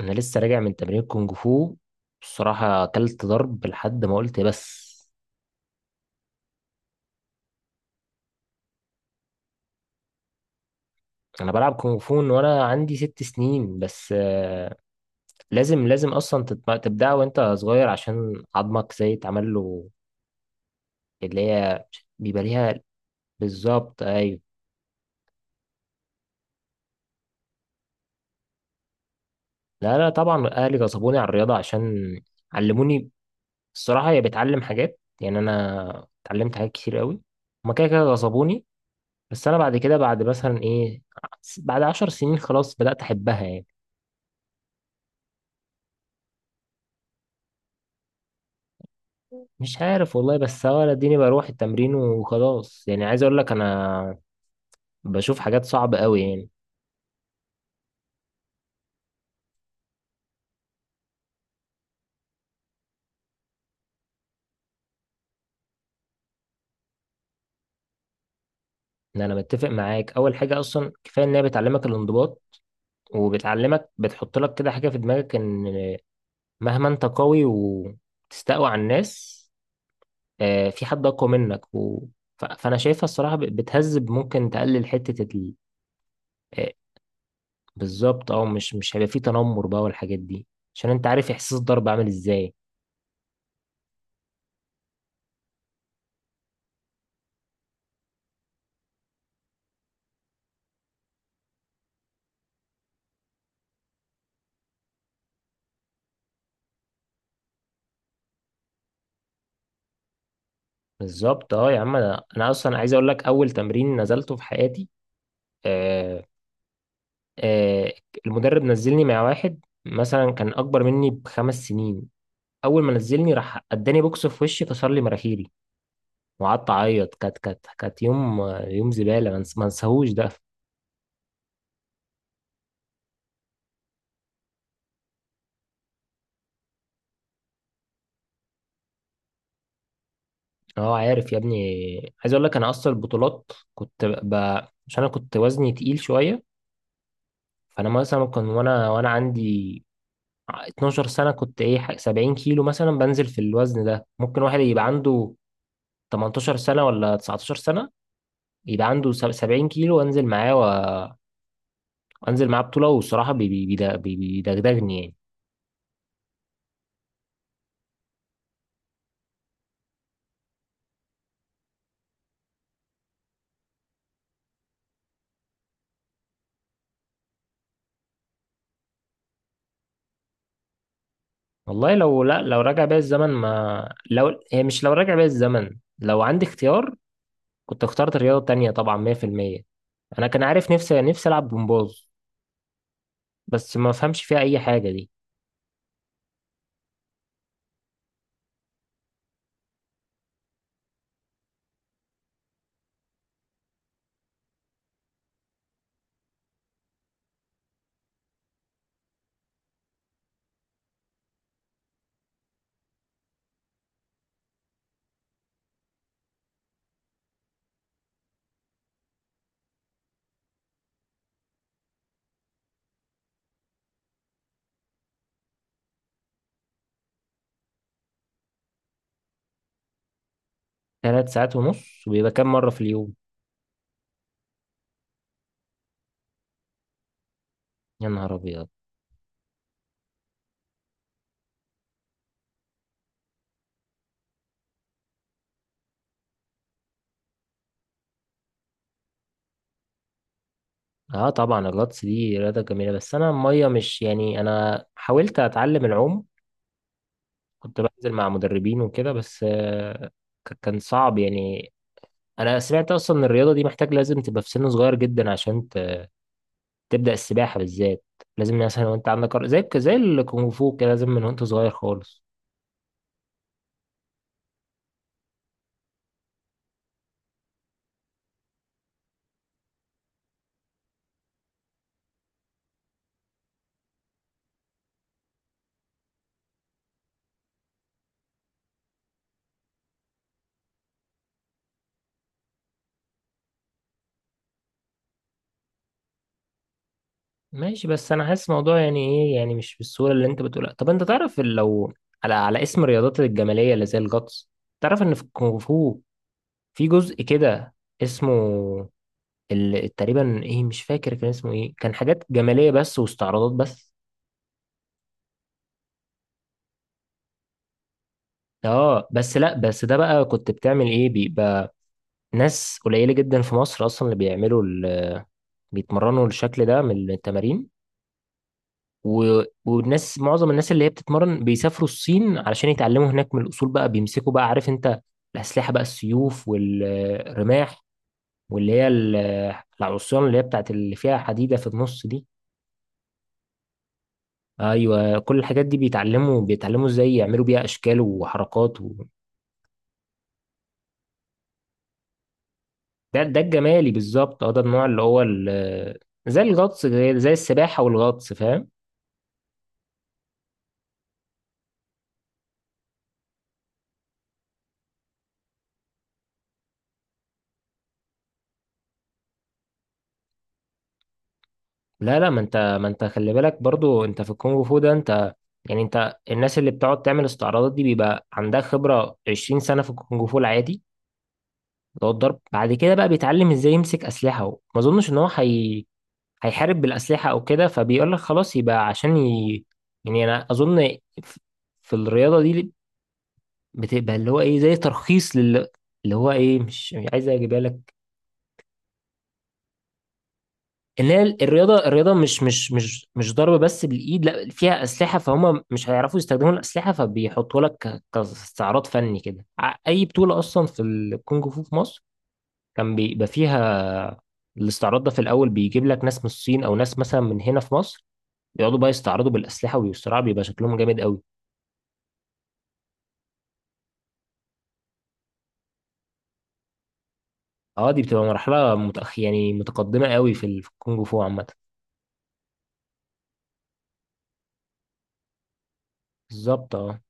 انا لسه راجع من تمرين كونج فو. بصراحة اكلت ضرب لحد ما قلت بس. انا بلعب كونج فو من وانا عندي ست سنين بس لازم اصلا تبدأ وانت صغير عشان عظمك زي اتعمل له، اللي هي بيبقى ليها. بالظبط ايوه. لا لا، طبعا اهلي غصبوني على الرياضة عشان علموني. الصراحة هي بتعلم حاجات، يعني انا اتعلمت حاجات كتير قوي. هما كده كده غصبوني، بس انا بعد كده بعد مثلا ايه، بعد عشر سنين خلاص بدأت احبها يعني. مش عارف والله، بس هو أنا اديني بروح التمرين وخلاص، يعني عايز اقول لك انا بشوف حاجات صعبة قوي يعني. ان انا متفق معاك، اول حاجة اصلا كفاية ان هي بتعلمك الانضباط، وبتعلمك بتحط لك كده حاجة في دماغك، ان مهما انت قوي وتستقوى على الناس في حد اقوى منك فانا شايفها الصراحة بتهذب، ممكن تقلل حتة آه، بالظبط اه. مش هيبقى في تنمر بقى والحاجات دي، عشان انت عارف احساس الضرب عامل ازاي. بالظبط اه. يا عم أنا اصلا عايز اقول لك، اول تمرين نزلته في حياتي آه آه المدرب نزلني مع واحد مثلا كان اكبر مني بخمس سنين. اول ما نزلني راح اداني بوكس في وشي كسر لي مناخيري، وقعدت اعيط. كانت يوم زباله، ما انساهوش ده. اه عارف يا ابني، عايز اقول لك انا اصلا البطولات كنت عشان انا كنت وزني تقيل شويه. فانا مثلا كان وانا عندي 12 سنة كنت ايه 70 كيلو مثلا، بنزل في الوزن ده ممكن واحد يبقى عنده 18 سنة ولا 19 سنة، يبقى عنده 70 كيلو وانزل معاه وانزل معاه بطولة، والصراحة بيدغدغني يعني. والله لو لا لو راجع بيا الزمن ما لو هي مش لو راجع بيا الزمن، لو عندي اختيار كنت اخترت رياضة تانية طبعا 100%. انا كان عارف نفسي العب جمباز، بس ما فهمش فيها اي حاجة دي. ثلاث ساعات ونص؟ وبيبقى كام مرة في اليوم؟ يا نهار ابيض. اه طبعا الغطس دي رياضة جميلة، بس انا المية مش، يعني انا حاولت اتعلم العوم، كنت بنزل مع مدربين وكده بس كان صعب يعني. انا سمعت اصلا ان الرياضة دي محتاج لازم تبقى في سن صغير جدا عشان تبدأ السباحة بالذات. لازم مثلا وانت عندك زي الكونغ فو كده، لازم من وانت صغير خالص. ماشي، بس انا حاسس الموضوع يعني ايه، يعني مش بالصورة اللي انت بتقولها. طب انت تعرف لو على اسم الرياضات الجمالية اللي زي الغطس، تعرف ان في الكونغ فو في جزء كده اسمه تقريبا ايه، مش فاكر كان اسمه ايه. كان حاجات جماليه بس واستعراضات بس. اه بس لا، بس ده بقى كنت بتعمل ايه، بيبقى ناس قليله جدا في مصر اصلا اللي بيعملوا بيتمرنوا الشكل ده من التمارين. و... والناس معظم الناس اللي هي بتتمرن بيسافروا الصين علشان يتعلموا هناك من الاصول، بقى بيمسكوا بقى، عارف انت الاسلحه بقى، السيوف والرماح واللي هي العصيان، اللي هي بتاعت اللي فيها حديده في النص دي. ايوه كل الحاجات دي بيتعلموا ازاي يعملوا بيها اشكال وحركات ده الجمالي بالظبط اه، ده النوع اللي هو زي الغطس، زي السباحه والغطس فاهم. لا لا، ما انت خلي بالك برضو انت في الكونغ فو ده انت، يعني انت الناس اللي بتقعد تعمل استعراضات دي بيبقى عندها خبره 20 سنه في الكونغ فو العادي، اللي هو الضرب. بعد كده بقى بيتعلم ازاي يمسك اسلحه. هو ما اظنش ان هو هيحارب بالاسلحه او كده، فبيقول لك خلاص يبقى عشان يعني انا اظن في الرياضه دي بتبقى اللي هو ايه، زي ترخيص لل، اللي هو ايه، مش عايز اجيبها لك. ان هي الرياضه مش ضرب بس بالايد، لا فيها اسلحه، فهم مش هيعرفوا يستخدموا الاسلحه، فبيحطوا لك كاستعراض فني كده. اي بطوله اصلا في الكونج فو في مصر كان بيبقى فيها الاستعراض ده في الاول، بيجيب لك ناس من الصين او ناس مثلا من هنا في مصر، بيقعدوا بقى يستعرضوا بالاسلحه ويصراعوا، بيبقى شكلهم جامد قوي. اه دي بتبقى مرحله يعني متقدمه قوي في في الكونج فو عامه. بالظبط اه.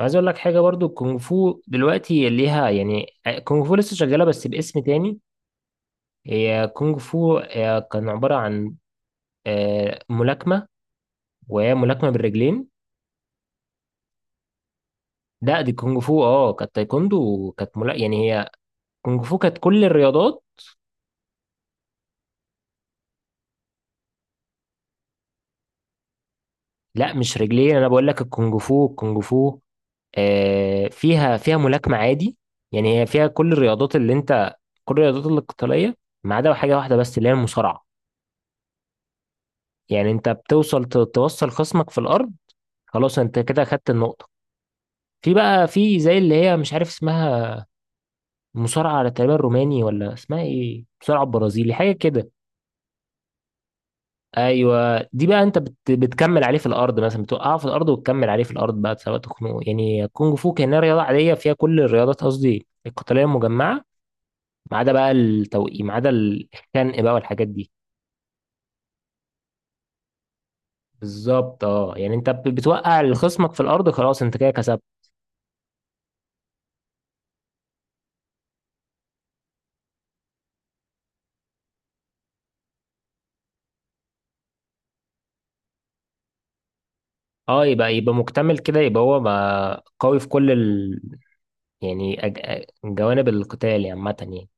عايز اقول لك حاجه برضو. الكونغ فو دلوقتي ليها يعني، كونغ فو لسه شغاله بس باسم تاني. هي كونغ فو كان عباره عن ملاكمه، وهي ملاكمه بالرجلين. لا دي كونغ فو، اه كانت تايكوندو، وكانت يعني هي كونغ فو كانت كل الرياضات. لا مش رجلين، انا بقول لك الكونغ فو فيها ملاكمه عادي. يعني هي فيها كل الرياضات اللي انت، كل الرياضات القتاليه، ما عدا حاجه واحده بس اللي هي المصارعه. يعني انت بتوصل توصل خصمك في الارض، خلاص انت كده خدت النقطة. في بقى، في زي اللي هي مش عارف اسمها، مصارعة على تقريبا روماني ولا اسمها ايه، مصارعة برازيلي حاجة كده. ايوه دي بقى انت بتكمل عليه في الارض، مثلا بتوقعه في الارض وتكمل عليه في الارض بقى، سواء تخنقه. يعني كونج فو كأنها رياضة عادية فيها كل الرياضات، قصدي القتالية المجمعة، ما عدا بقى التوقيع، ما عدا الخنق بقى والحاجات دي. بالظبط اه، يعني انت بتوقع خصمك في الارض، خلاص انت كده كسبت. اه يبقى مكتمل كده. يبقى هو ما قوي في كل، يعني جوانب القتال يعني عامة يعني.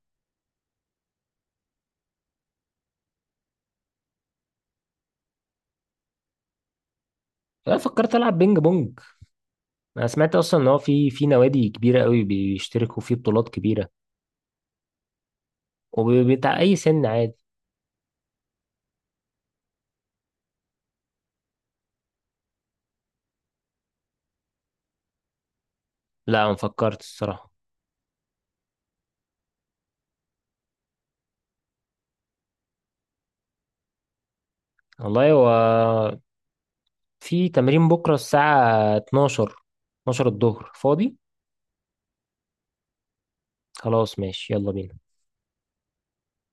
أنا فكرت ألعب بينج بونج. أنا سمعت أصلا إن هو في نوادي كبيرة قوي بيشتركوا في بطولات كبيرة، وبتاع أي سن عادي. لا ما فكرت الصراحة. والله هو في تمرين بكرة الساعة 12، 12 الظهر فاضي. خلاص ماشي يلا بينا.